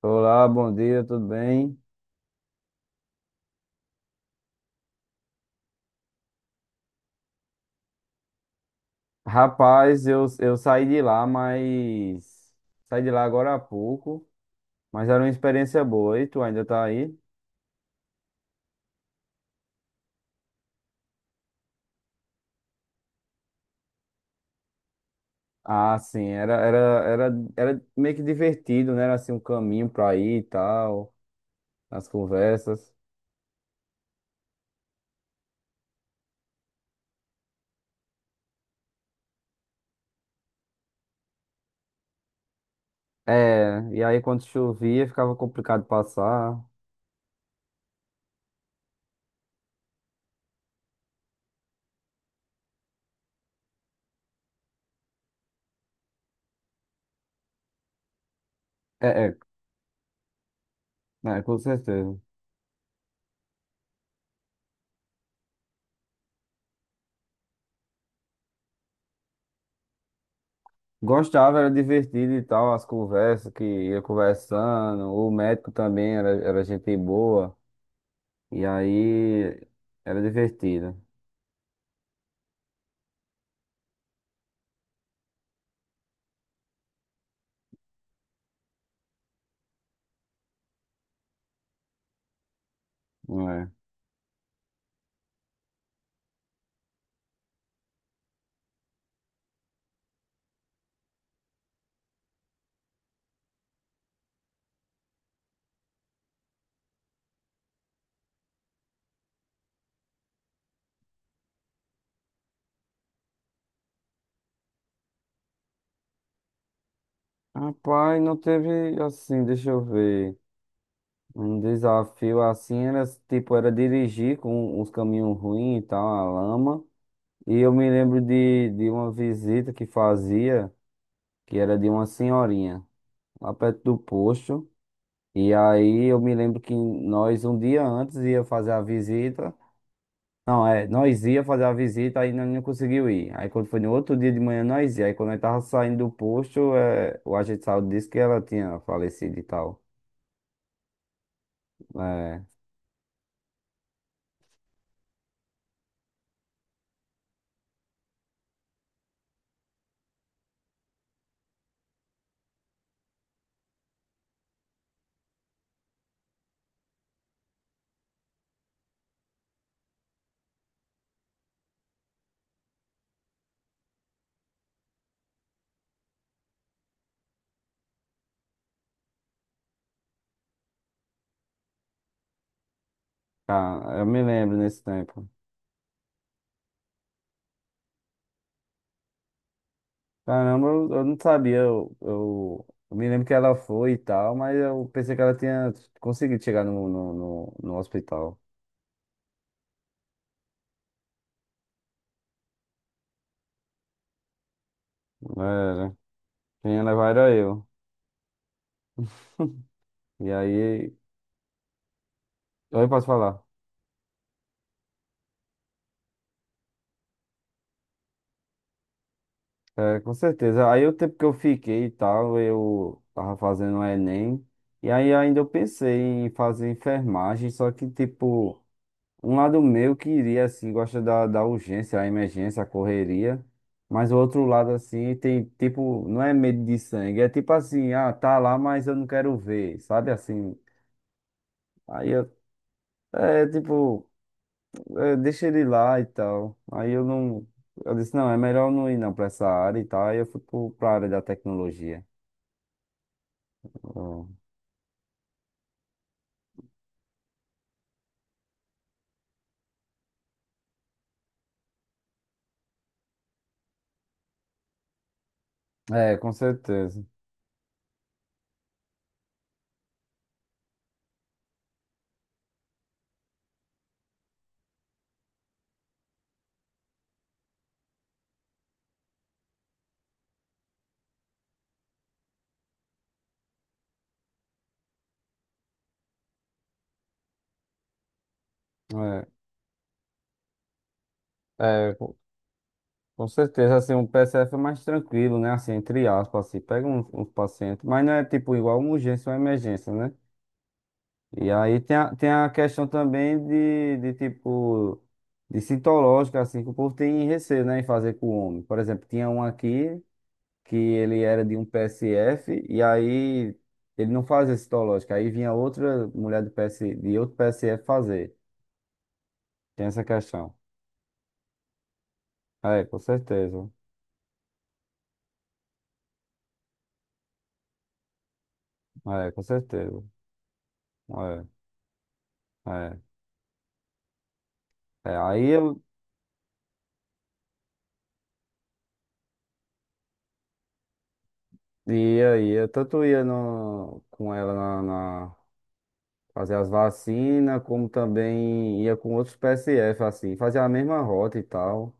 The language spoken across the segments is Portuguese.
Olá, bom dia, tudo bem? Rapaz, eu saí de lá, mas. Saí de lá agora há pouco, mas era uma experiência boa. E tu ainda tá aí? Ah, sim, era meio que divertido, né? Era assim um caminho pra ir e tal, as conversas. É, e aí quando chovia ficava complicado passar. É, é, com certeza. Gostava, era divertido e tal, as conversas que ia conversando. O médico também era gente boa. E aí era divertido. Não é. Rapaz, não teve assim, deixa eu ver. Um desafio assim era tipo, era dirigir com uns caminhos ruins e tal, a lama. E eu me lembro de uma visita que fazia, que era de uma senhorinha, lá perto do posto. E aí eu me lembro que nós um dia antes ia fazer a visita. Não, é, nós ia fazer a visita, aí nós não conseguiu ir. Aí quando foi no outro dia de manhã, nós ia. Aí quando nós tava saindo do posto, é, o agente de saúde disse que ela tinha falecido e tal. É, eu me lembro nesse tempo. Caramba, eu não sabia. Eu me lembro que ela foi e tal, mas eu pensei que ela tinha conseguido chegar no hospital. Era. Quem ia levar era eu. E aí, eu posso falar. É, com certeza. Aí o tempo que eu fiquei e tal, eu tava fazendo o Enem. E aí ainda eu pensei em fazer enfermagem, só que, tipo, um lado meu queria, assim, gosta da urgência, a emergência, a correria. Mas o outro lado, assim, tem, tipo, não é medo de sangue. É tipo assim, ah, tá lá, mas eu não quero ver, sabe? Assim, aí eu, é, tipo, é, deixa ele lá e tal. Aí eu não, eu disse, não, é melhor eu não ir não pra essa área e tal. Aí eu fui pra área da tecnologia. Hum. É, com certeza. É, com certeza, assim, um PSF é mais tranquilo, né? Assim, entre aspas, assim, pega uns pacientes, mas não é tipo igual uma urgência ou uma emergência, né? E aí tem a questão também de tipo, de citológica, assim, que o povo tem receio, né, em fazer com o homem. Por exemplo, tinha um aqui que ele era de um PSF e aí ele não fazia citológica, aí vinha outra mulher de, PS, de outro PSF fazer. Tem essa questão. É, com certeza. É, com certeza. É, é. É, aí eu ia, tanto ia no, com ela na, na- fazer as vacinas, como também ia com outros PSF, assim, fazer a mesma rota e tal.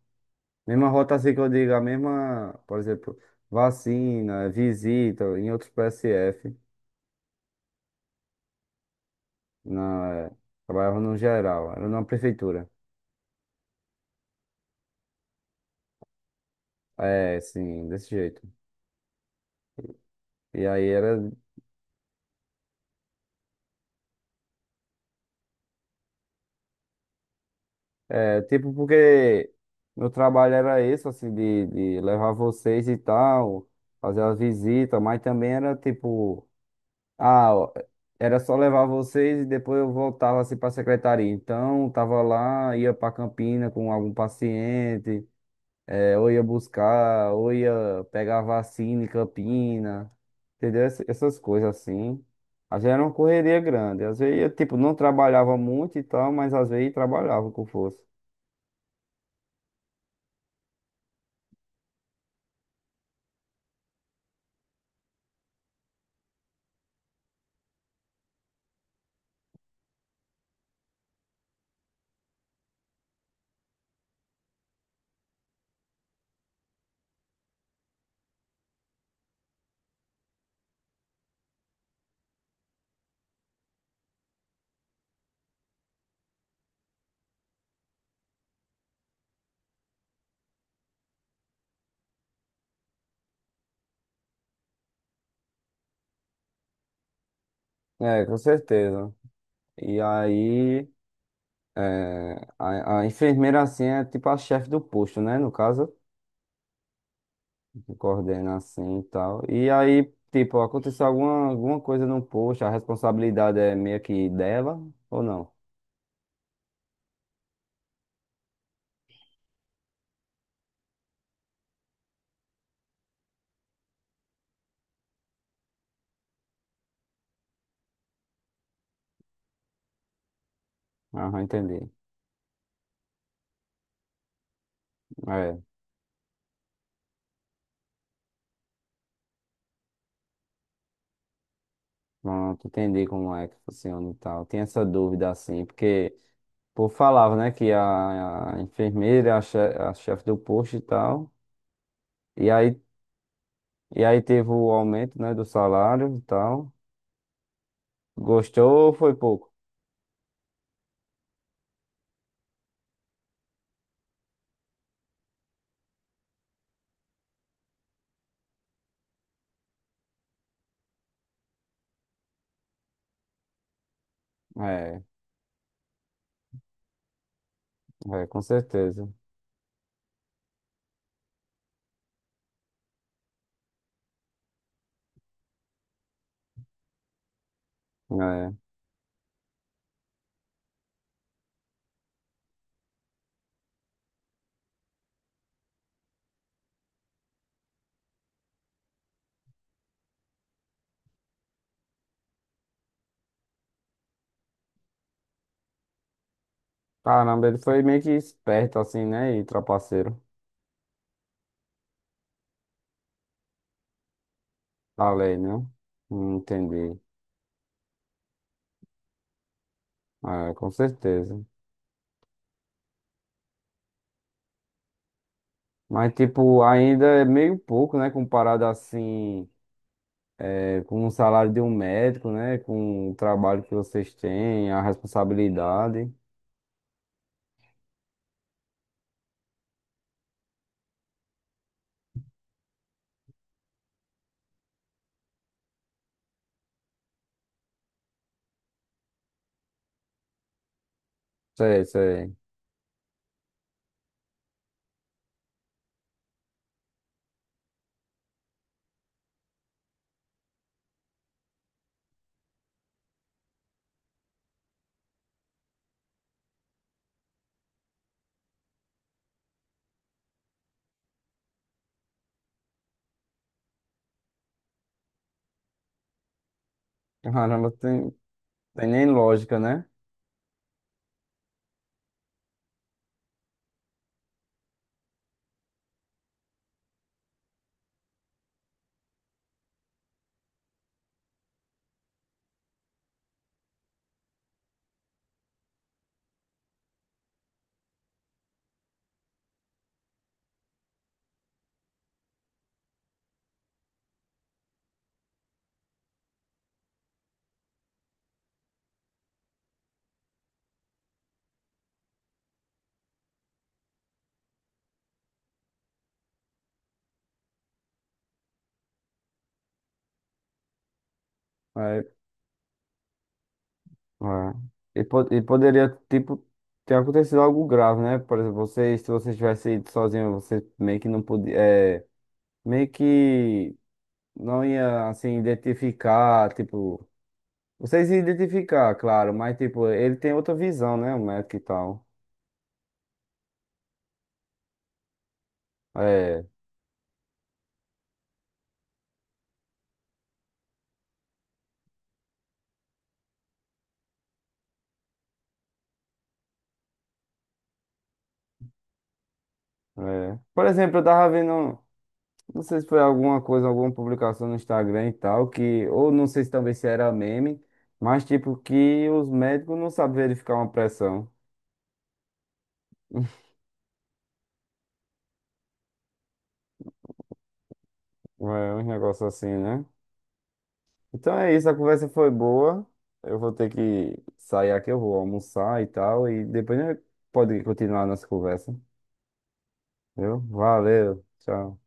Mesma rota assim que eu digo, a mesma, por exemplo, vacina, visita em outros PSF. Na, trabalhava no geral, era numa prefeitura. É, sim, desse jeito. E aí era. É tipo porque meu trabalho era esse, assim, de levar vocês e tal, fazer as visitas, mas também era tipo, ah, ó, era só levar vocês e depois eu voltava assim pra secretaria. Então, tava lá, ia pra Campina com algum paciente, é, ou ia buscar, ou ia pegar vacina em Campina, entendeu? Essas coisas assim. Às vezes era uma correria grande, às vezes eu, tipo, não trabalhava muito e tal, mas às vezes trabalhava com força. É, com certeza. E aí, é, a enfermeira, assim, é tipo a chefe do posto, né? No caso, que coordena assim e tal. E aí, tipo, aconteceu alguma coisa no posto, a responsabilidade é meio que dela ou não? Aham, entendi. É, pronto, entendi como é que funciona e tal. Tem essa dúvida, assim, porque o povo falava, né, que a enfermeira é a a chefe do posto e tal. E aí, e aí teve o aumento, né, do salário e tal. Gostou ou foi pouco? É, com certeza. É. Caramba, ele foi meio que esperto assim, né? E trapaceiro. Da lei, né? Entendi. É, com certeza. Mas, tipo, ainda é meio pouco, né? Comparado assim, é, com o salário de um médico, né? Com o trabalho que vocês têm, a responsabilidade. Sei, sei. Caramba, tem nem lógica, né? É, é. E, e poderia, tipo, ter acontecido algo grave, né? Por exemplo, vocês, se vocês tivessem ido sozinho, você meio que não podia, é, meio que não ia, assim, identificar, tipo, vocês iam identificar, claro, mas, tipo, ele tem outra visão, né? O médico e tal. É, é. Por exemplo, eu tava vendo, não sei se foi alguma coisa, alguma publicação no Instagram e tal, que, ou não sei se também se era meme, mas, tipo, que os médicos não sabem verificar uma pressão. É um negócio assim, né? Então é isso, a conversa foi boa. Eu vou ter que sair aqui, eu vou almoçar e tal. E depois a gente pode continuar a nossa conversa. Viu? Valeu, tchau.